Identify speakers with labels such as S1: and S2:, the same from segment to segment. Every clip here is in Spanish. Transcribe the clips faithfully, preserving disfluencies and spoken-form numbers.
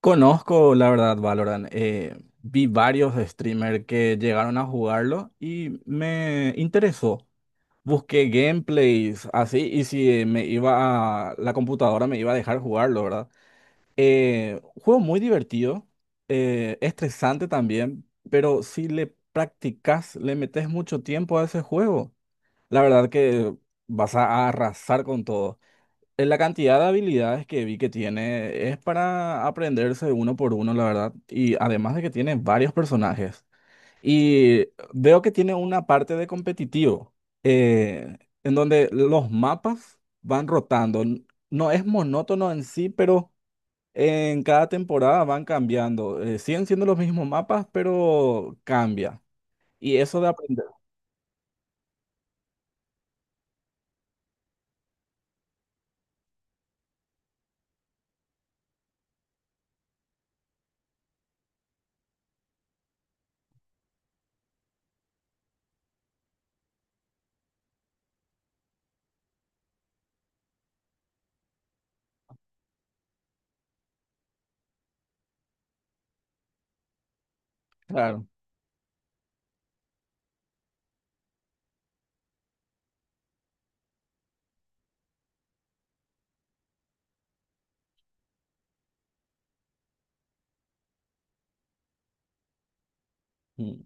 S1: Conozco, la verdad, Valorant. Eh, vi varios streamers que llegaron a jugarlo y me interesó. Busqué gameplays así y si me iba a la computadora me iba a dejar jugarlo, ¿verdad? Eh, juego muy divertido, eh, estresante también, pero si le practicas, le metes mucho tiempo a ese juego, la verdad que vas a arrasar con todo. eh, La cantidad de habilidades que vi que tiene es para aprenderse uno por uno, la verdad. Y además de que tiene varios personajes. Y veo que tiene una parte de competitivo, eh, en donde los mapas van rotando. N- No es monótono en sí, pero en cada temporada van cambiando. Eh, siguen siendo los mismos mapas, pero cambia. Y eso de aprender, claro. Mm.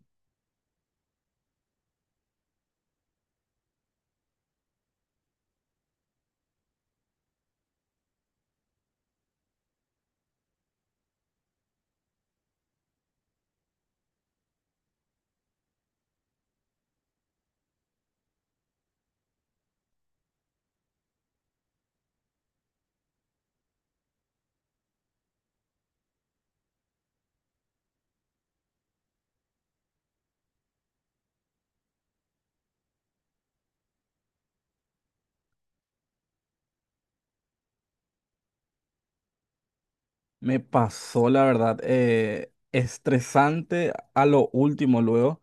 S1: Me pasó, la verdad, eh, estresante a lo último luego,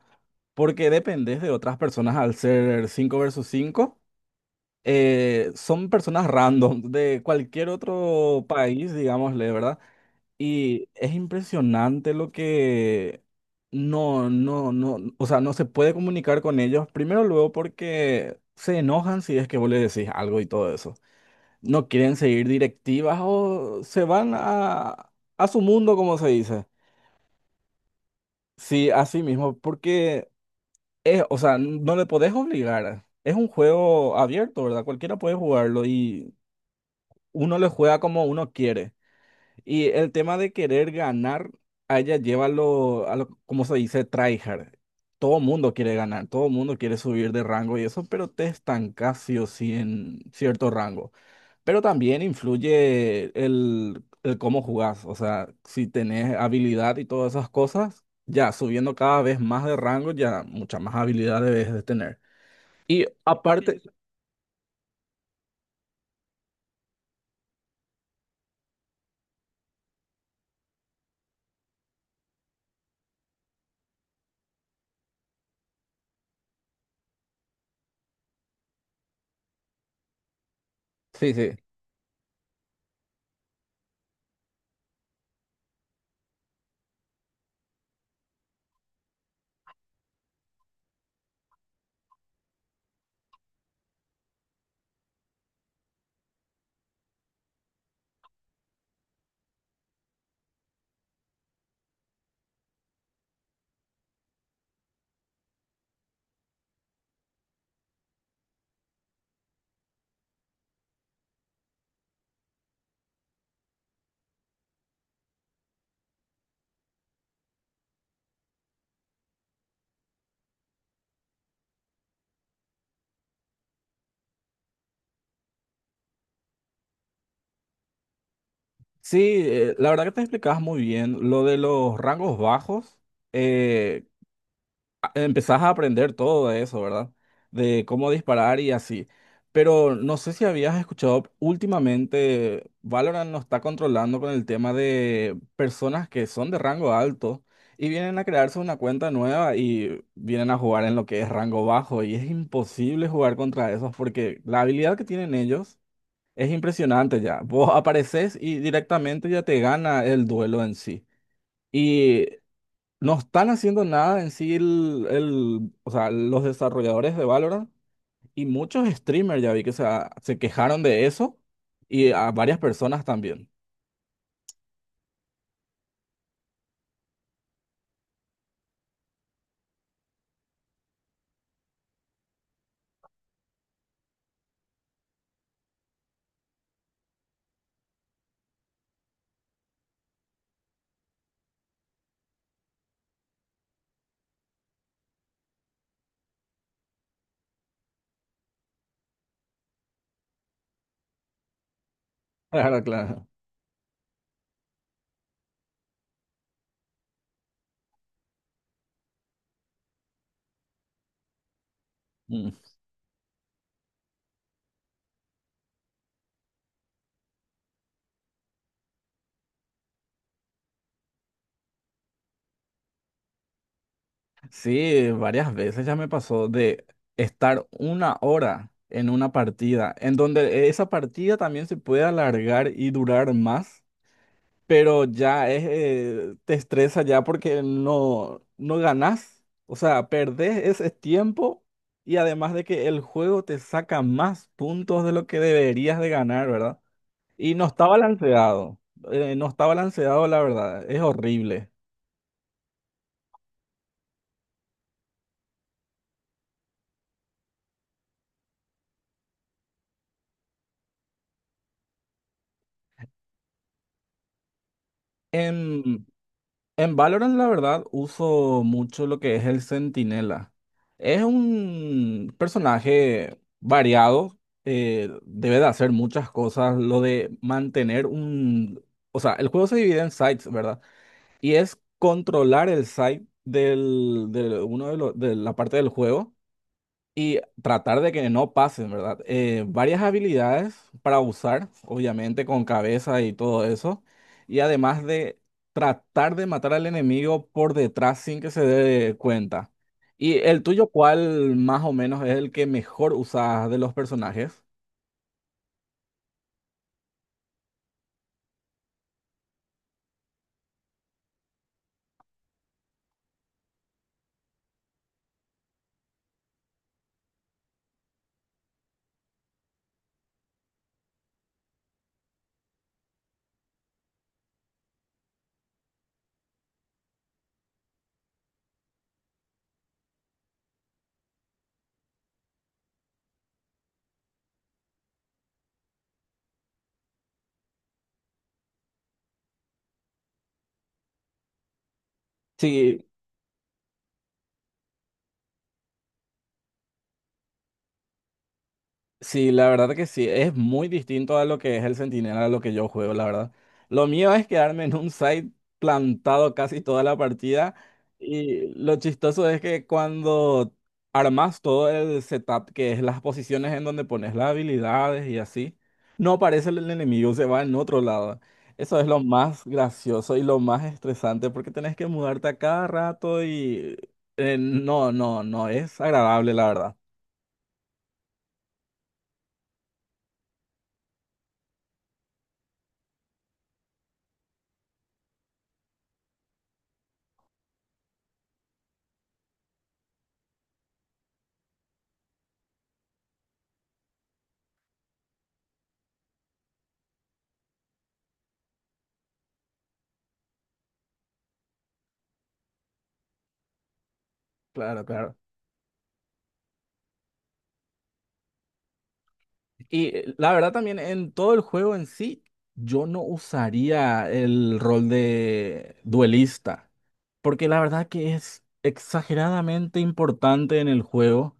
S1: porque dependes de otras personas al ser cinco versus cinco, eh, son personas random de cualquier otro país, digámosle, ¿verdad? Y es impresionante lo que, no, no, no, o sea, no se puede comunicar con ellos. Primero luego porque se enojan si es que vos le decís algo y todo eso no quieren seguir directivas o se van a, a su mundo, como se dice. Sí, así mismo, porque es, o sea, no le podés obligar. Es un juego abierto, ¿verdad? Cualquiera puede jugarlo y uno le juega como uno quiere. Y el tema de querer ganar, a ella lleva lo, a lo, como se dice, tryhard. Todo mundo quiere ganar, todo mundo quiere subir de rango y eso, pero te estancas sí o sí en cierto rango. Pero también influye el, el cómo jugás. O sea, si tenés habilidad y todas esas cosas, ya subiendo cada vez más de rango, ya mucha más habilidad debes de tener. Y aparte, sí, sí. Sí, eh, la verdad que te explicabas muy bien lo de los rangos bajos. eh, a- empezás a aprender todo de eso, ¿verdad? De cómo disparar y así. Pero no sé si habías escuchado últimamente, Valorant nos está controlando con el tema de personas que son de rango alto y vienen a crearse una cuenta nueva y vienen a jugar en lo que es rango bajo y es imposible jugar contra esos porque la habilidad que tienen ellos es impresionante ya. Vos apareces y directamente ya te gana el duelo en sí. Y no están haciendo nada en sí el, el- o sea, los desarrolladores de Valorant y muchos streamers ya vi que se, se quejaron de eso y a varias personas también. Claro, claro. Mm. Sí, varias veces ya me pasó de estar una hora en una partida, en donde esa partida también se puede alargar y durar más, pero ya es, eh, te estresa ya porque no, no ganás, o sea, perdés ese tiempo y además de que el juego te saca más puntos de lo que deberías de ganar, ¿verdad? Y no está balanceado, eh, no está balanceado, la verdad, es horrible. Em, En Valorant, la verdad, uso mucho lo que es el Centinela. Es un personaje variado, eh, debe de hacer muchas cosas. Lo de mantener un... O sea, el juego se divide en sites, ¿verdad? Y es controlar el site del, de uno de, lo- de la parte del juego y tratar de que no pasen, ¿verdad? Eh, varias habilidades para usar, obviamente, con cabeza y todo eso. Y además de tratar de matar al enemigo por detrás sin que se dé cuenta. ¿Y el tuyo cuál más o menos es el que mejor usas de los personajes? Sí, sí, la verdad que sí, es muy distinto a lo que es el Centinela, a lo que yo juego, la verdad. Lo mío es quedarme en un site plantado casi toda la partida, y lo chistoso es que cuando armas todo el setup, que es las posiciones en donde pones las habilidades y así, no aparece el enemigo, se va en otro lado. Eso es lo más gracioso y lo más estresante porque tenés que mudarte a cada rato y eh, no, no, no, es agradable, la verdad. Claro, claro. Y eh, la verdad también en todo el juego en sí, yo no usaría el rol de duelista, porque la verdad que es exageradamente importante en el juego.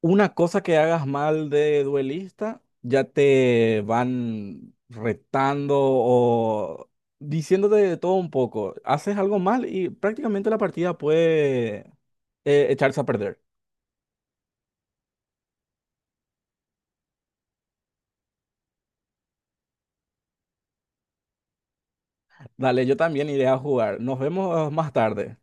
S1: Una cosa que hagas mal de duelista, ya te van retando o diciéndote de todo un poco. Haces algo mal y prácticamente la partida puede eh, echarse a perder. Dale, yo también iré a jugar. Nos vemos más tarde.